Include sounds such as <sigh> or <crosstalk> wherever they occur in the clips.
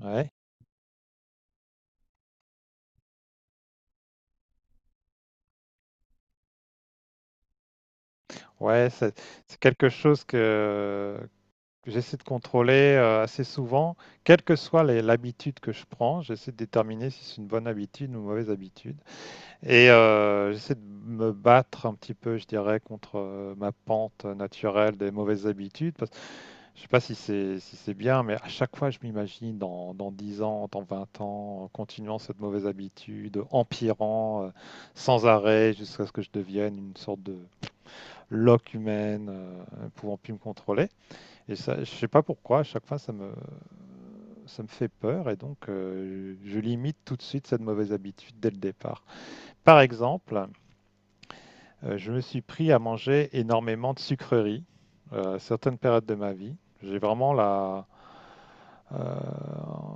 Ouais, ouais, c'est quelque chose que j'essaie de contrôler assez souvent, quelle que soit l'habitude que je prends, j'essaie de déterminer si c'est une bonne habitude ou une mauvaise habitude. Et j'essaie de me battre un petit peu, je dirais, contre ma pente naturelle des mauvaises habitudes. Parce, je sais pas si c'est bien, mais à chaque fois, je m'imagine dans 10 ans, dans 20 ans, en continuant cette mauvaise habitude, empirant sans arrêt jusqu'à ce que je devienne une sorte de lock humaine pouvant plus me contrôler. Et ça, je sais pas pourquoi, à chaque fois ça me fait peur et donc je limite tout de suite cette mauvaise habitude dès le départ. Par exemple, je me suis pris à manger énormément de sucreries à certaines périodes de ma vie. J'ai vraiment euh,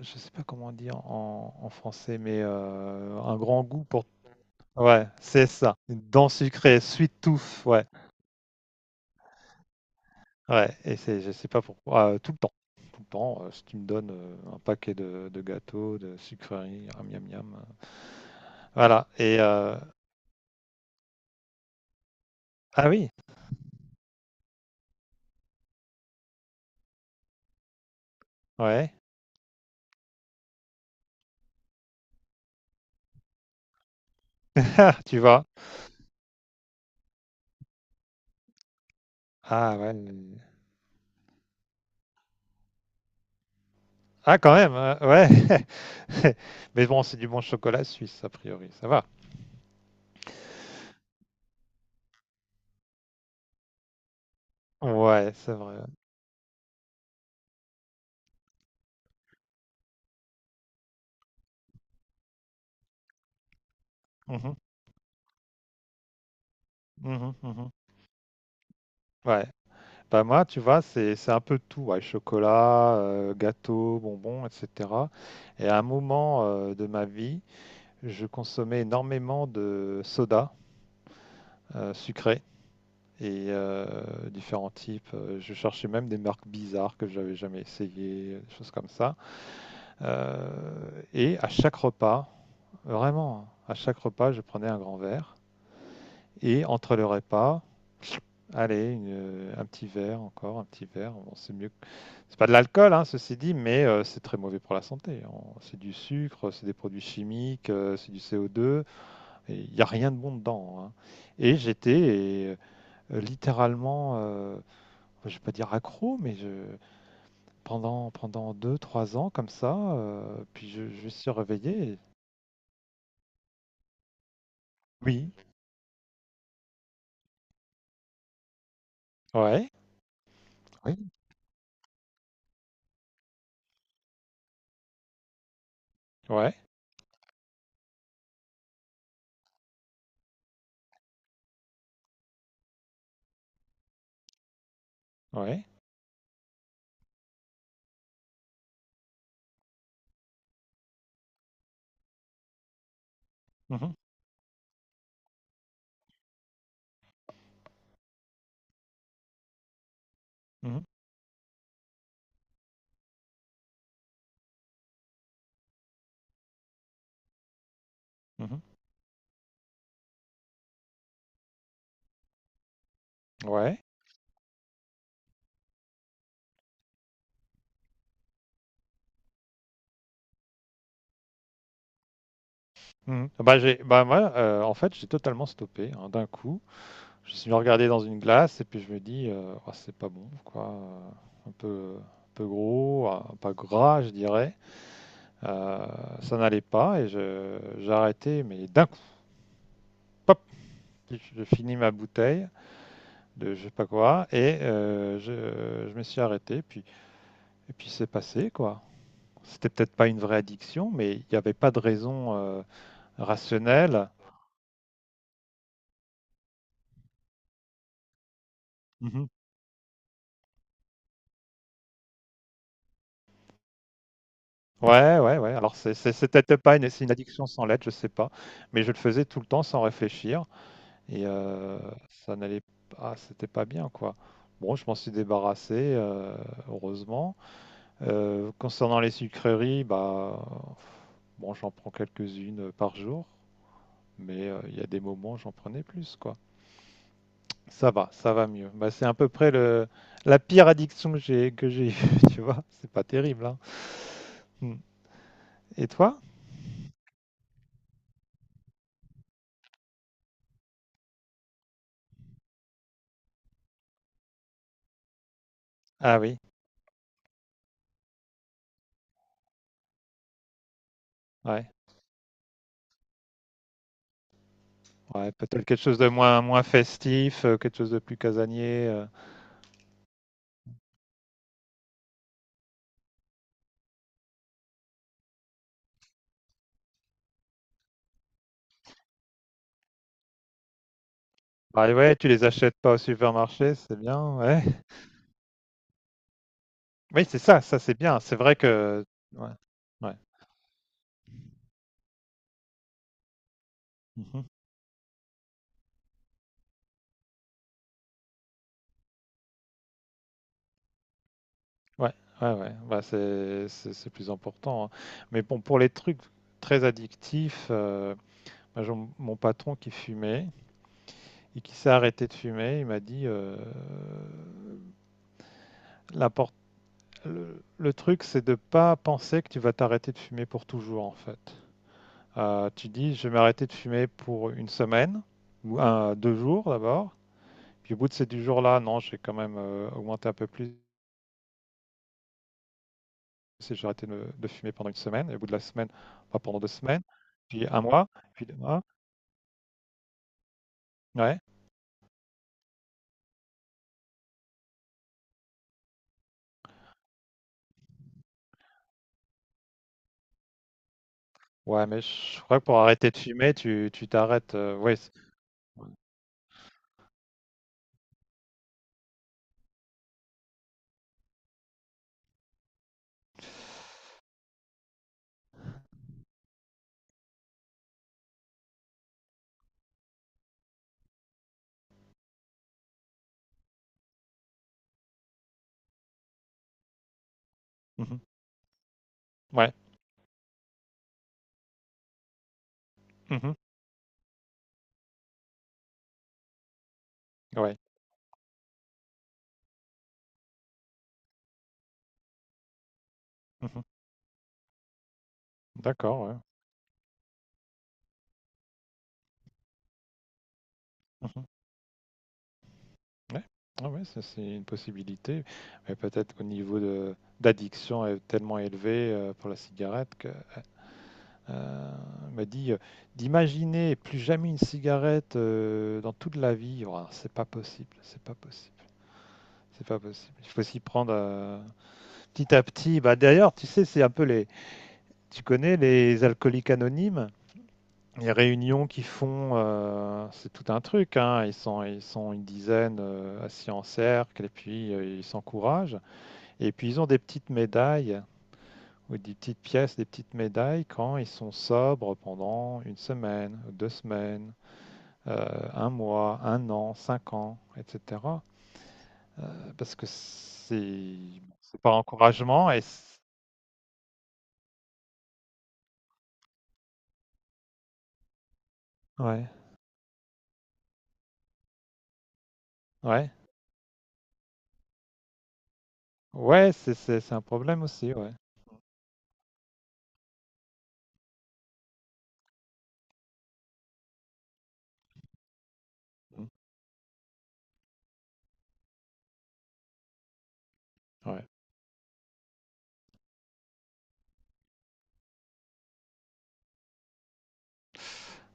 je sais pas comment dire en français, mais un grand goût pour. Ouais, c'est ça. Une dent sucrée, sweet tooth, ouais, ouais. Et c'est, je sais pas pourquoi, tout le temps. Bon, si tu me donne un paquet de gâteaux, de sucreries, miam miam miam. Voilà. Et ah oui, ouais. <laughs> Tu vois. Ah ouais. Ah quand même, hein, ouais. <laughs> Mais bon, c'est du bon chocolat suisse a priori, ça va. Ouais, c'est vrai. Mhm, mhm, mhm. Ouais. Bah moi, tu vois, c'est un peu tout, ouais, chocolat, gâteau, bonbons, etc. Et à un moment de ma vie, je consommais énormément de sodas sucrés et différents types. Je cherchais même des marques bizarres que j'avais jamais essayées, des choses comme ça. Euh, et à chaque repas, vraiment, hein, à chaque repas, je prenais un grand verre. Et entre le repas, allez, un petit verre encore, un petit verre. Bon, c'est mieux. C'est pas de l'alcool, hein, ceci dit, mais c'est très mauvais pour la santé. C'est du sucre, c'est des produits chimiques, c'est du CO2. Il n'y a rien de bon dedans, hein. Et j'étais littéralement, je ne vais pas dire accro, mais pendant 2, 3 ans comme ça, puis je suis réveillé. Oui, ouais, oui, ouais, ouais. Mhm, mhm, mhm, ouais. Mhm. Bah, bah, moi, en fait, j'ai totalement stoppé, hein, d'un coup. Je me suis regardé dans une glace et puis je me dis, oh, c'est pas bon, quoi. Un peu, gros, pas gras, je dirais. Euh, ça n'allait pas et j'ai arrêté, mais d'un coup, pop, je finis ma bouteille de je sais pas quoi et je me suis arrêté. Et puis c'est passé quoi. C'était peut-être pas une vraie addiction, mais il n'y avait pas de raison rationnelle. Mhm. Ouais, ouais, ouais. Alors c'est peut-être pas c'est une addiction sans lettre, je sais pas, mais je le faisais tout le temps sans réfléchir et ça n'allait pas, c'était pas bien quoi. Bon, je m'en suis débarrassé, heureusement. Concernant les sucreries, bah, bon, j'en prends quelques-unes par jour, mais il y a des moments où j'en prenais plus, quoi. Ça va mieux. Bah, c'est à peu près la pire addiction que j'ai eue, <laughs> tu vois. C'est pas terrible, hein. Hmm. Et toi? Ah oui, ouais. Ouais, peut-être quelque chose de moins, moins festif, quelque chose de plus casanier. Bah ouais, tu les achètes pas au supermarché, c'est bien, ouais. Oui, c'est ça, ça c'est bien. C'est vrai. Ouais, ouais. Mhm. Ouais, ouais, ouais. Bah, c'est plus important, hein. Mais bon, pour les trucs très addictifs, moi, j'ai mon patron qui fumait et qui s'est arrêté de fumer, il m'a dit, l'import- le truc, c'est de pas penser que tu vas t'arrêter de fumer pour toujours, en fait. Tu dis, je vais m'arrêter de fumer pour une semaine ou un, 2 jours d'abord. Puis au bout de ces 2 jours-là, non, j'ai quand même augmenté un peu plus. Si j'ai arrêté de fumer pendant une semaine et au bout de la semaine, enfin pendant 2 semaines, puis un mois, puis 2 mois. Ouais. Ouais, mais je crois que pour arrêter de fumer, tu t'arrêtes, ouais c Mmh. Ouais. Mmh. Ouais. Mmh. D'accord, ouais. Mmh. Ouais. Ouais, ah ouais, ça c'est une possibilité, mais peut-être au niveau de d'addiction est tellement élevé, pour la cigarette que, heu, m'a dit : «D'imaginer plus jamais une cigarette, dans toute la vie, ouah, c'est pas possible, c'est pas possible». C'est pas possible. Il faut s'y prendre petit à petit. Bah, d'ailleurs, tu sais, c'est un peu les. Tu connais les alcooliques anonymes, les réunions qu'ils font, c'est tout un truc, hein. Ils sont une dizaine, assis en cercle et puis ils s'encouragent. Et puis ils ont des petites médailles ou des petites pièces, des petites médailles quand ils sont sobres pendant une semaine, deux semaines, un mois, un an, 5 ans, etc. Parce que c'est par encouragement et. Ouais, ouais. Ouais, c'est un problème aussi, ouais. Mmh. Ouais.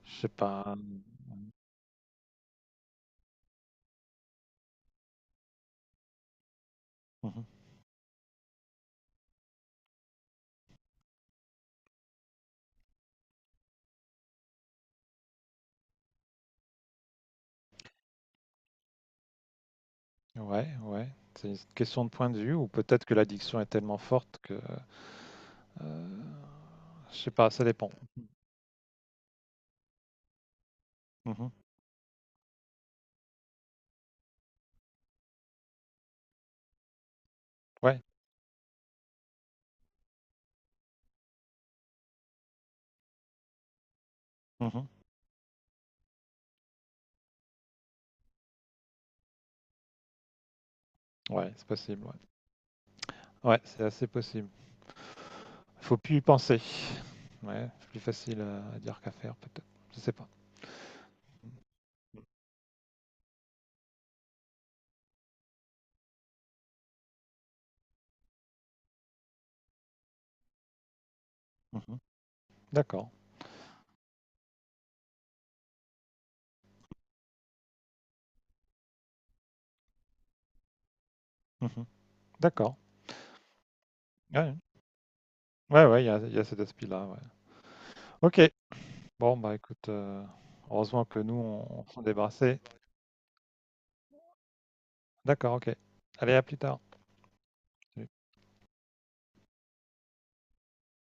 Je sais pas. Mmh. Ouais, ouais. C'est une question de point de vue ou peut-être que l'addiction est tellement forte que, heu, je sais pas, ça dépend. Mmh. Ouais. Mmh. Ouais, c'est possible, ouais. Ouais, c'est assez possible. Faut plus y penser. Ouais, c'est plus facile à dire qu'à faire peut-être, je sais pas. Mmh. D'accord. Mmh. D'accord. Ouais, ouais. Ouais, ouais, il y a cet aspect-là, ouais. OK. Bon, bah écoute, heureusement que nous, on s'en débarrassait. D'accord, ok. Allez, à plus tard. Salut.